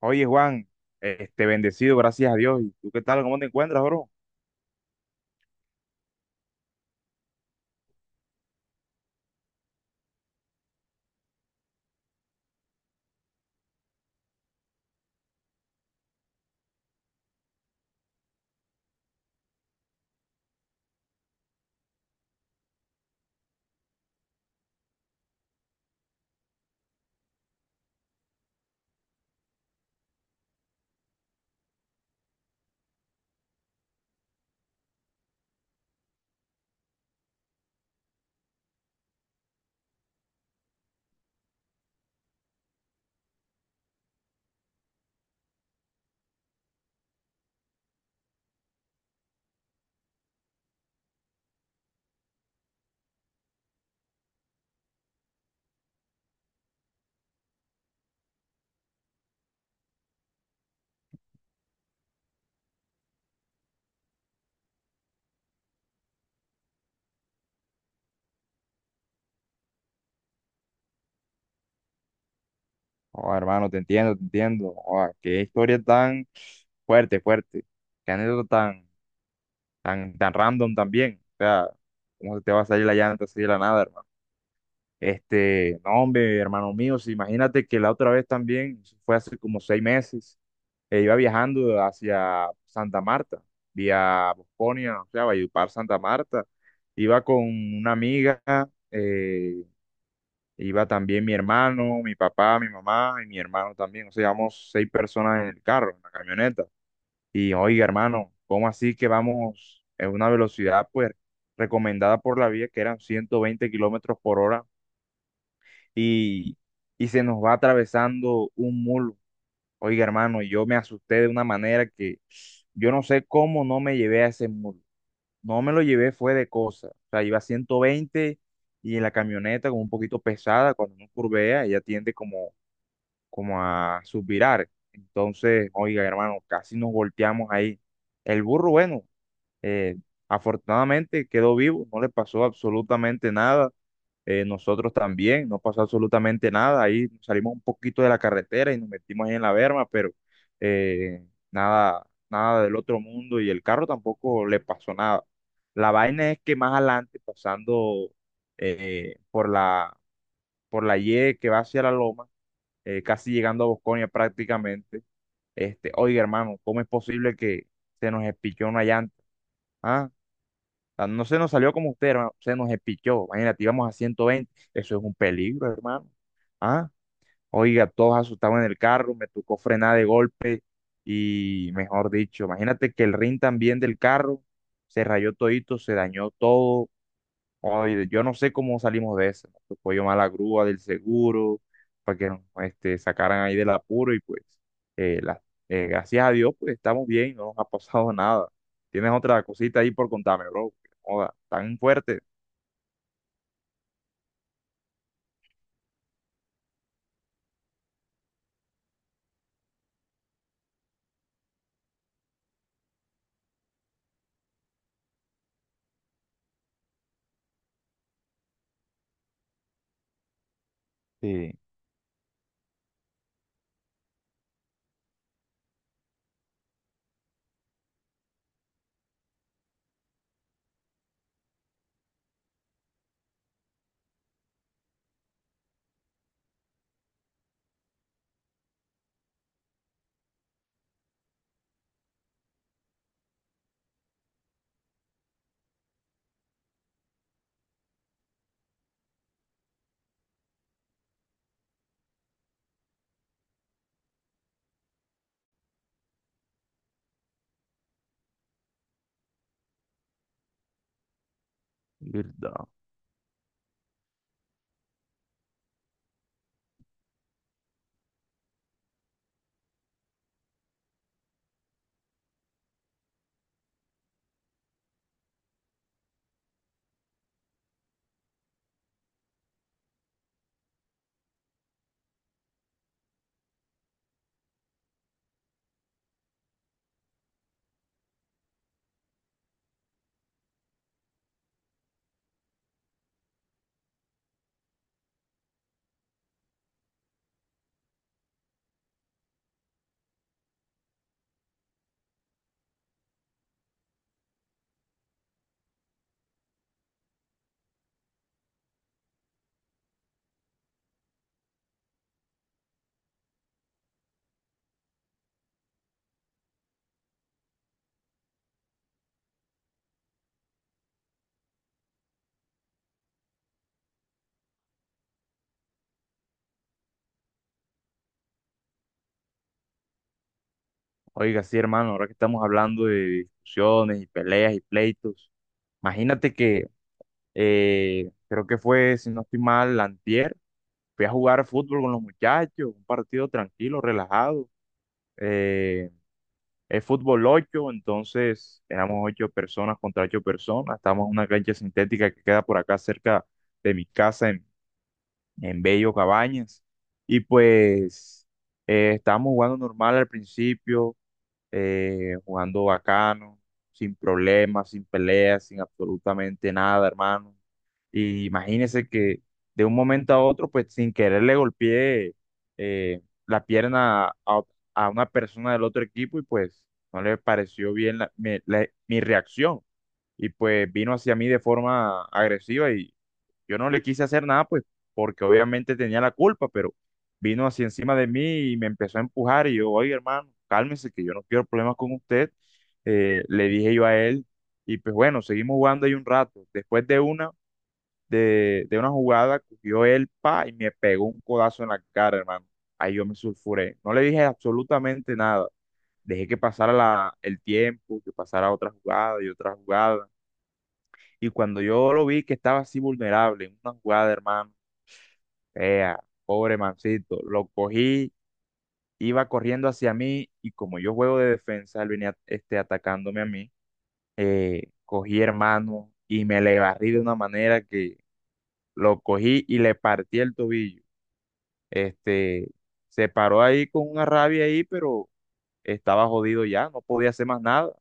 Oye, Juan, bendecido, gracias a Dios. ¿Y tú qué tal? ¿Cómo te encuentras, bro? Oh, hermano, te entiendo, te entiendo. Oh, qué historia tan fuerte, fuerte. Qué anécdota tan random también. O sea, cómo se te va a salir la llanta así de la nada, hermano. No, hombre, hermano mío, si imagínate que la otra vez también, eso fue hace como 6 meses, iba viajando hacia Santa Marta, vía Bosconia, o sea, Valledupar, Santa Marta. Iba con una amiga. eh, Iba también mi hermano, mi papá, mi mamá y mi hermano también. O sea, íbamos seis personas en el carro, en la camioneta. Y oiga, hermano, ¿cómo así que vamos en una velocidad, pues, recomendada por la vía, que eran 120 kilómetros por hora, y, y se nos va atravesando un mulo? Oiga, hermano, y yo me asusté de una manera que yo no sé cómo no me llevé a ese mulo. No me lo llevé, fue de cosa. O sea, iba a 120 y en la camioneta como un poquito pesada, cuando uno curvea, ella tiende como a suspirar. Entonces, oiga, hermano, casi nos volteamos ahí. El burro, bueno, eh, afortunadamente quedó vivo, no le pasó absolutamente nada. Nosotros también, no pasó absolutamente nada. Ahí salimos un poquito de la carretera y nos metimos ahí en la berma, pero eh, nada, nada del otro mundo y el carro tampoco le pasó nada. La vaina es que más adelante, pasando eh, por la, por la Y que va hacia la loma, casi llegando a Bosconia prácticamente. Oiga, hermano, ¿cómo es posible que se nos espichó una llanta? Ah, Ah, no se nos salió como usted, hermano, se nos espichó. Imagínate, íbamos a 120, eso es un peligro, hermano. Ah, Oiga, todos asustados en el carro, me tocó frenar de golpe y, mejor dicho, imagínate que el rin también del carro se rayó todito, se dañó todo. Oye, yo no sé cómo salimos de eso. Nos tocó llamar a la grúa del seguro para que nos sacaran ahí del apuro y pues eh, la- gracias a Dios pues estamos bien, no nos ha pasado nada. ¿Tienes otra cosita ahí por contarme, bro? Joda, tan fuerte. Sí, verdad. Oiga, sí, hermano, ahora que estamos hablando de discusiones y peleas y pleitos, imagínate que creo que fue, si no estoy mal, antier, fui a jugar fútbol con los muchachos, un partido tranquilo, relajado. eh, Es fútbol 8, entonces éramos 8 personas contra 8 personas. Estamos en una cancha sintética que queda por acá cerca de mi casa en Bello Cabañas. Y pues estábamos jugando normal al principio, jugando bacano, sin problemas, sin peleas, sin absolutamente nada, hermano. Y imagínese que de un momento a otro, pues sin querer le golpeé eh, la pierna a una persona del otro equipo y pues no le pareció bien mi reacción. Y pues vino hacia mí de forma agresiva y yo no le quise hacer nada, pues, porque obviamente tenía la culpa, pero vino así encima de mí y me empezó a empujar y yo, oye, hermano, cálmese, que yo no quiero problemas con usted. Le dije yo a él y pues bueno, seguimos jugando ahí un rato. Después de una jugada, cogió él, pa, y me pegó un codazo en la cara, hermano. Ahí yo me sulfuré. No le dije absolutamente nada. Dejé que pasara el tiempo, que pasara otra jugada. Y cuando yo lo vi que estaba así vulnerable en una jugada, hermano, ea, pobre mancito, lo cogí, iba corriendo hacia mí y como yo juego de defensa, él venía atacándome a mí, cogí hermano y me le barrí de una manera que lo cogí y le partí el tobillo. Este, Se paró ahí con una rabia ahí, pero estaba jodido ya, no podía hacer más nada.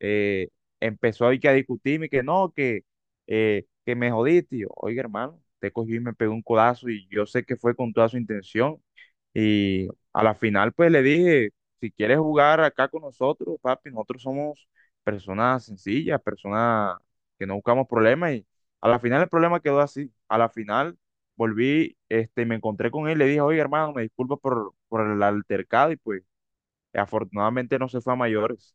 Eh, Empezó ahí que a discutirme, que no, que me jodiste. Y yo, oiga hermano, te cogió y me pegó un codazo y yo sé que fue con toda su intención y a la final, pues le dije, si quieres jugar acá con nosotros, papi, nosotros somos personas sencillas, personas que no buscamos problemas. Y a la final el problema quedó así. A la final volví, me encontré con él, le dije, oye, hermano, me disculpo por el altercado y pues afortunadamente no se fue a mayores.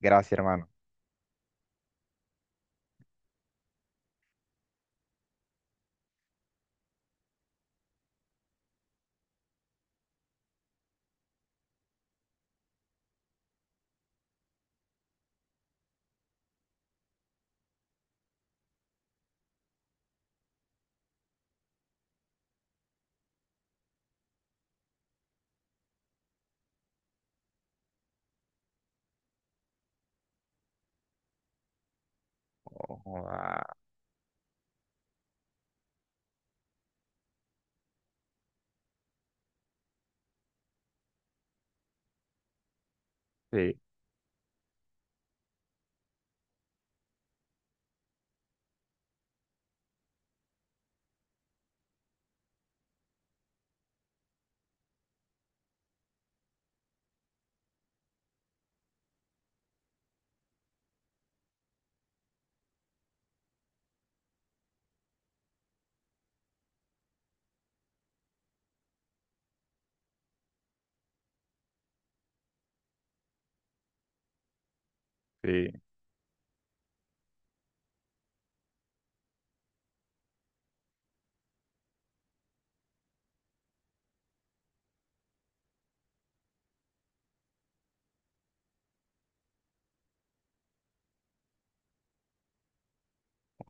Gracias, hermano. Ojo, ah, sí, sí.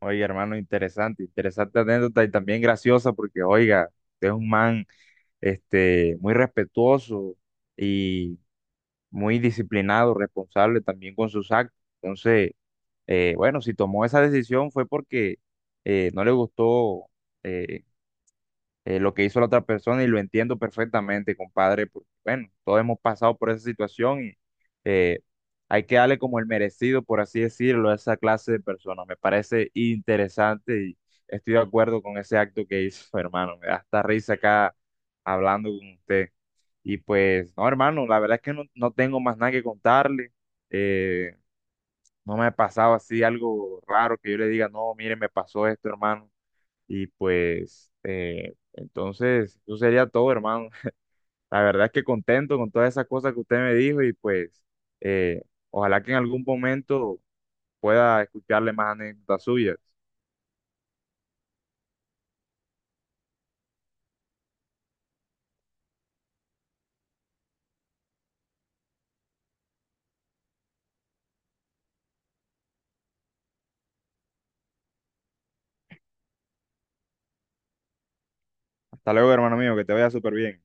Oye, hermano, interesante, interesante anécdota y también graciosa porque, oiga, usted es un man. Muy respetuoso y muy disciplinado, responsable también con sus actos. Entonces, bueno, si tomó esa decisión fue porque no le gustó eh, lo que hizo la otra persona y lo entiendo perfectamente, compadre, porque bueno, todos hemos pasado por esa situación y eh, hay que darle como el merecido, por así decirlo, a esa clase de personas. Me parece interesante y estoy de acuerdo con ese acto que hizo, hermano. Me da hasta risa acá hablando con usted. Y pues, no, hermano, la verdad es que no tengo más nada que contarle. Eh, no me ha pasado así algo raro que yo le diga, no, mire, me pasó esto, hermano. Y pues, entonces, eso sería todo, hermano. La verdad es que contento con todas esas cosas que usted me dijo y pues, eh, ojalá que en algún momento pueda escucharle más anécdotas suyas. Hasta luego, hermano mío, que te vaya súper bien.